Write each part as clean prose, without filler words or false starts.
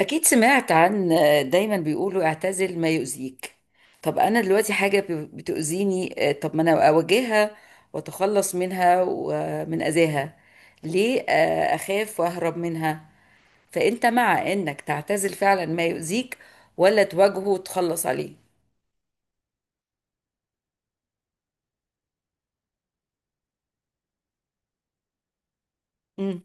أكيد سمعت عن دايما بيقولوا اعتزل ما يؤذيك. طب أنا دلوقتي حاجة بتؤذيني، طب ما أنا أواجهها وأتخلص منها ومن أذاها. ليه أخاف وأهرب منها؟ فأنت مع إنك تعتزل فعلا ما يؤذيك ولا تواجهه وتخلص عليه؟ مم.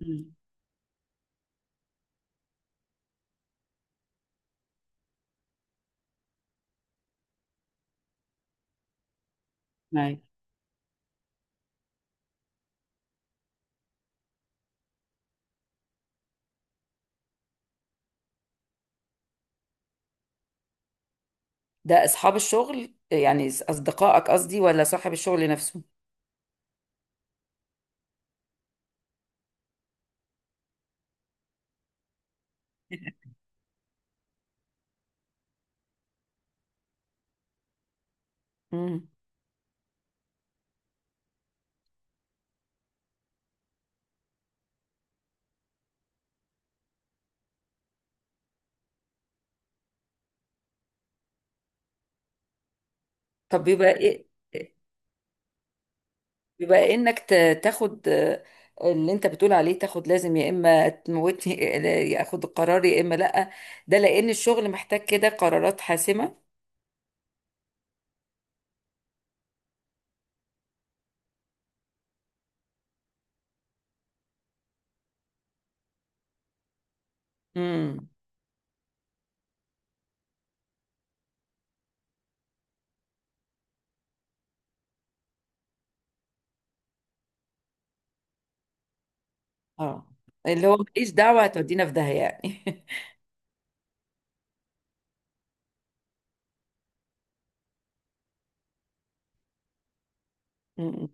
مم. أيوة. ده أصحاب الشغل يعني أصدقائك قصدي ولا صاحب الشغل نفسه؟ مم. طب بيبقى إيه؟ بيبقى انك تاخد، اللي انت بتقول عليه تاخد. لازم يا اما تموتني يا اخد القرار يا اما لا. ده لان الشغل محتاج كده قرارات حاسمة. امم. اه، اللي هو ماليش دعوة هتودينا في داهية يعني مم.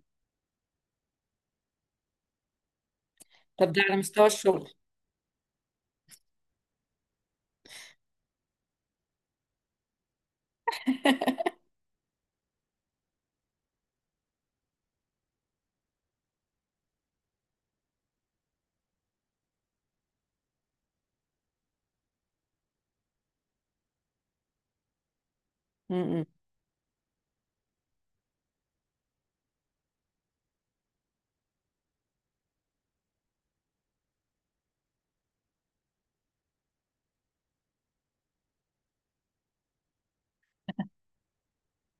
طب ده على مستوى الشغل. مم.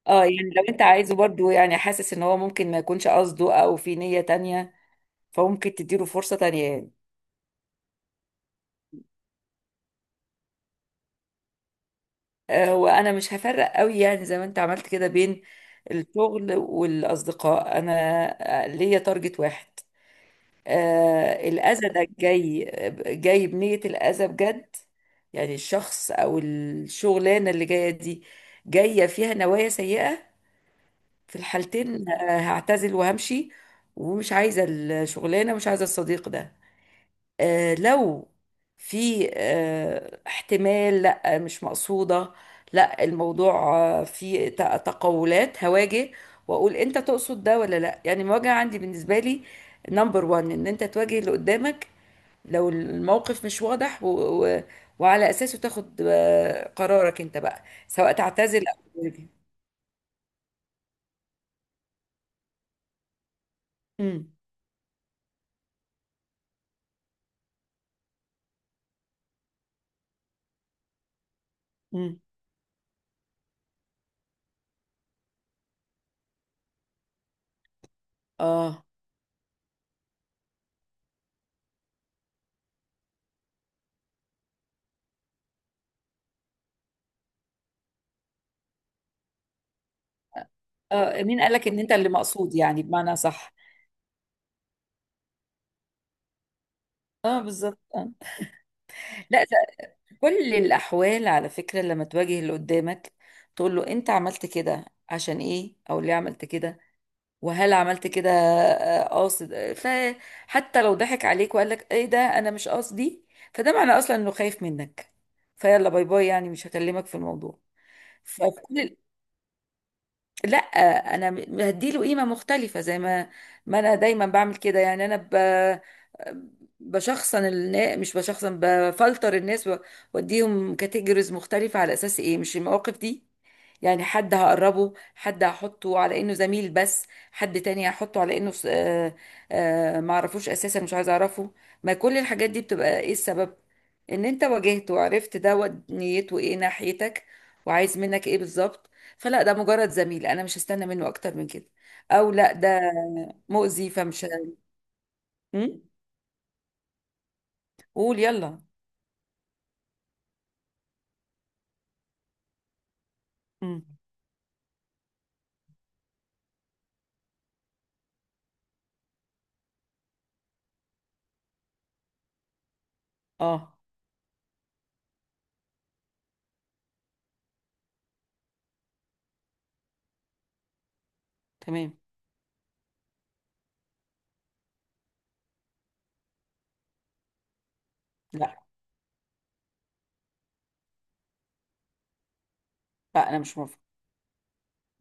اه يعني لو انت عايزه برضو، يعني حاسس ان هو ممكن ما يكونش قصده او في نية تانية، فممكن تديله فرصة تانية يعني. وانا مش هفرق قوي، يعني زي ما انت عملت كده بين الشغل والاصدقاء. انا ليا تارجت واحد. الاذى ده جاي، جاي بنية الاذى بجد. يعني الشخص او الشغلانه اللي جايه دي جايه فيها نوايا سيئه. في الحالتين هعتزل وهمشي، ومش عايزه الشغلانه ومش عايزه الصديق ده. لو في احتمال لا مش مقصودة، لا الموضوع فيه تقولات، هواجه واقول انت تقصد ده ولا لا. يعني المواجهة عندي بالنسبة لي نمبر وان، ان انت تواجه اللي قدامك لو الموقف مش واضح، و... وعلى اساسه تاخد قرارك انت بقى سواء تعتذر او تواجه. امم. امم. اه. اه، مين قالك ان انت اللي مقصود يعني؟ بمعنى صح. اه بالظبط آه. لا، كل الأحوال على فكرة لما تواجه اللي قدامك تقول له أنت عملت كده عشان إيه أو ليه عملت كده، وهل عملت كده قاصد. فحتى لو ضحك عليك وقال لك إيه ده أنا مش قصدي، فده معنى أصلا إنه خايف منك. فيلا باي باي، يعني مش هكلمك في الموضوع. فكل... لا، انا هديله قيمه مختلفه زي ما، ما انا دايما بعمل كده. يعني انا بشخصن الناس. مش بشخصن، بفلتر الناس واديهم كاتيجوريز مختلفه على اساس ايه؟ مش المواقف دي. يعني حد هقربه، حد هحطه على انه زميل بس، حد تاني هحطه على انه ما اعرفوش اساسا، مش عايز اعرفه. ما كل الحاجات دي بتبقى ايه السبب؟ ان انت واجهته وعرفت ده نيته ايه ناحيتك وعايز منك ايه بالظبط. فلا، ده مجرد زميل انا مش هستنى منه اكتر من كده. او لا، ده مؤذي فمش... هم؟ قول يلا. هم. اه. تمام. لا. لا، انا مش موافقه.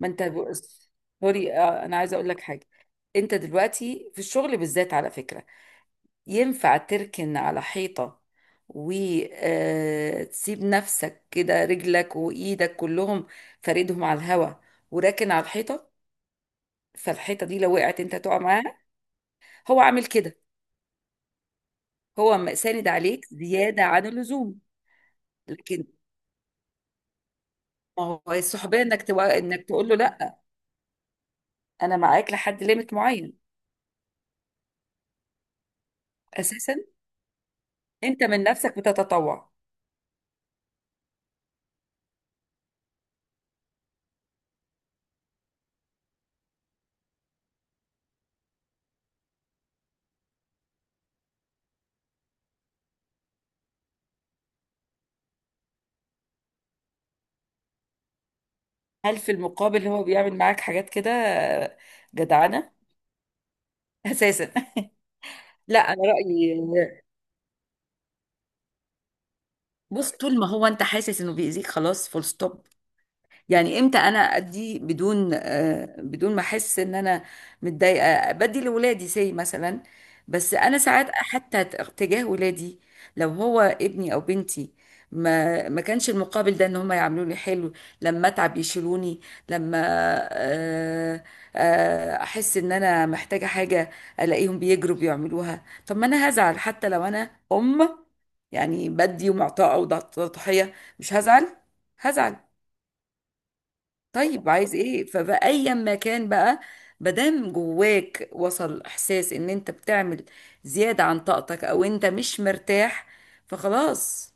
ما انت بص، سوري، انا عايزه اقول لك حاجه. انت دلوقتي في الشغل بالذات على فكره، ينفع تركن على حيطه وتسيب نفسك كده، رجلك وايدك كلهم فاردهم على الهواء وراكن على الحيطه. فالحيطه دي لو وقعت انت تقع معاها. هو عامل كده. هو ساند عليك زياده عن اللزوم. لكن ما هو الصحوبيه انك انك تقول له لا، انا معاك لحد ليميت معين. اساسا انت من نفسك بتتطوع. هل في المقابل هو بيعمل معاك حاجات كده جدعانه اساسا؟ لا، انا رايي، بص، طول ما هو انت حاسس انه بيأذيك خلاص فول ستوب. يعني امتى انا ادي بدون، بدون ما احس ان انا متضايقه؟ بدي لولادي سي مثلا. بس انا ساعات حتى تجاه ولادي، لو هو ابني او بنتي، ما ما كانش المقابل ده ان هم يعملوا لي حلو. لما اتعب يشيلوني. لما آه، احس ان انا محتاجه حاجه، الاقيهم بيجروا بيعملوها. طب ما انا هزعل حتى لو انا ام؟ يعني بدي ومعطاءه وضحيه، مش هزعل؟ هزعل. طيب عايز ايه؟ فبقى ايا ما كان بقى، مادام جواك وصل احساس ان انت بتعمل زيادة عن طاقتك او انت مش مرتاح، فخلاص.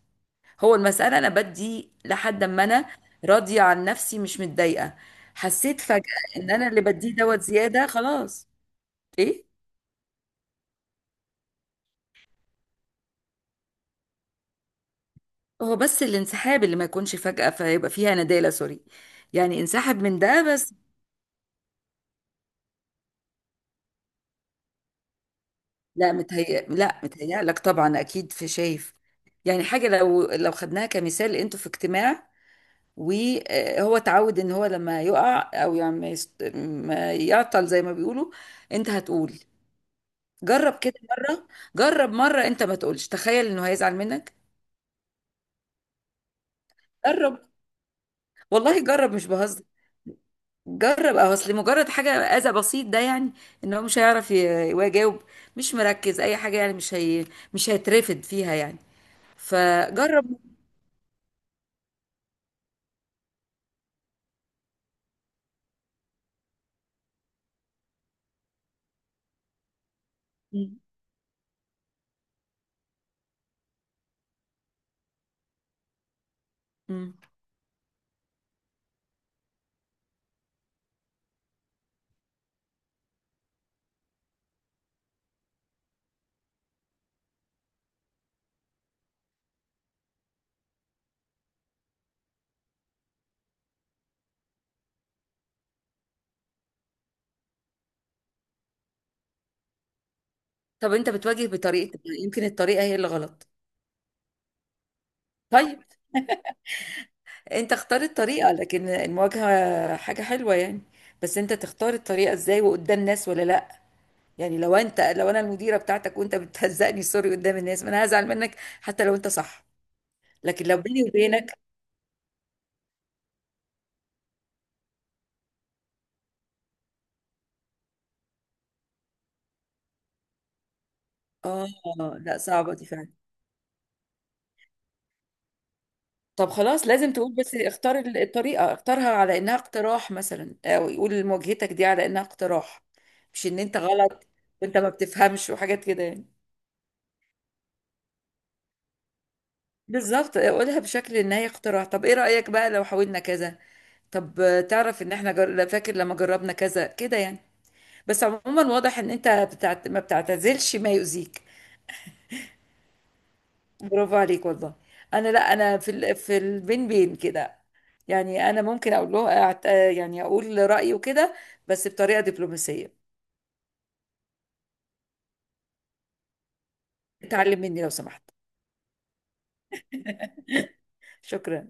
هو المسألة انا بدي لحد ما انا راضية عن نفسي، مش متضايقة. حسيت فجأة ان انا اللي بديه دوت زيادة، خلاص. ايه؟ هو بس الانسحاب اللي ما يكونش فجأة، فيبقى فيها ندالة سوري. يعني انسحب من ده بس. لا متهيأ، لا متهيألك طبعا، أكيد في شايف. يعني حاجة لو لو خدناها كمثال، أنتوا في اجتماع وهو اتعود إن هو لما يقع أو يعني ما ما يعطل زي ما بيقولوا، أنت هتقول. جرب كده مرة. جرب مرة. أنت ما تقولش، تخيل إنه هيزعل منك. جرب. والله جرب، مش بهزر. جرب. أو أصل مجرد حاجة أذى بسيط ده، يعني إن هو مش هيعرف يجاوب، مش مركز أي حاجة. يعني مش هي... مش هيترفد فيها يعني. فجرب. مم. طب انت بتواجه بطريقة، يمكن الطريقة هي اللي غلط. طيب انت اختار الطريقة، لكن المواجهة حاجة حلوة يعني. بس انت تختار الطريقة ازاي، وقدام ناس ولا لا. يعني لو انت، لو انا المديرة بتاعتك وانت بتهزقني سوري قدام الناس، ما انا هزعل منك حتى لو انت صح. لكن لو بيني وبينك... اه، لا صعبة دي فعلا. طب خلاص لازم تقول، بس اختار الطريقة. اختارها على انها اقتراح مثلا، او يقول مواجهتك دي على انها اقتراح، مش ان انت غلط وانت ما بتفهمش وحاجات كده يعني. بالظبط، اقولها بشكل ان هي اقتراح: طب ايه رأيك بقى لو حاولنا كذا؟ طب تعرف ان احنا لا، فاكر لما جربنا كذا كده يعني. بس عموما واضح ان انت ما بتعتزلش ما يؤذيك. برافو عليك والله. انا لا، انا في في البين بين كده. يعني انا ممكن اقول له أعت... آه، يعني اقول رأيي وكده، بس بطريقة دبلوماسية. اتعلم مني لو سمحت. شكرا.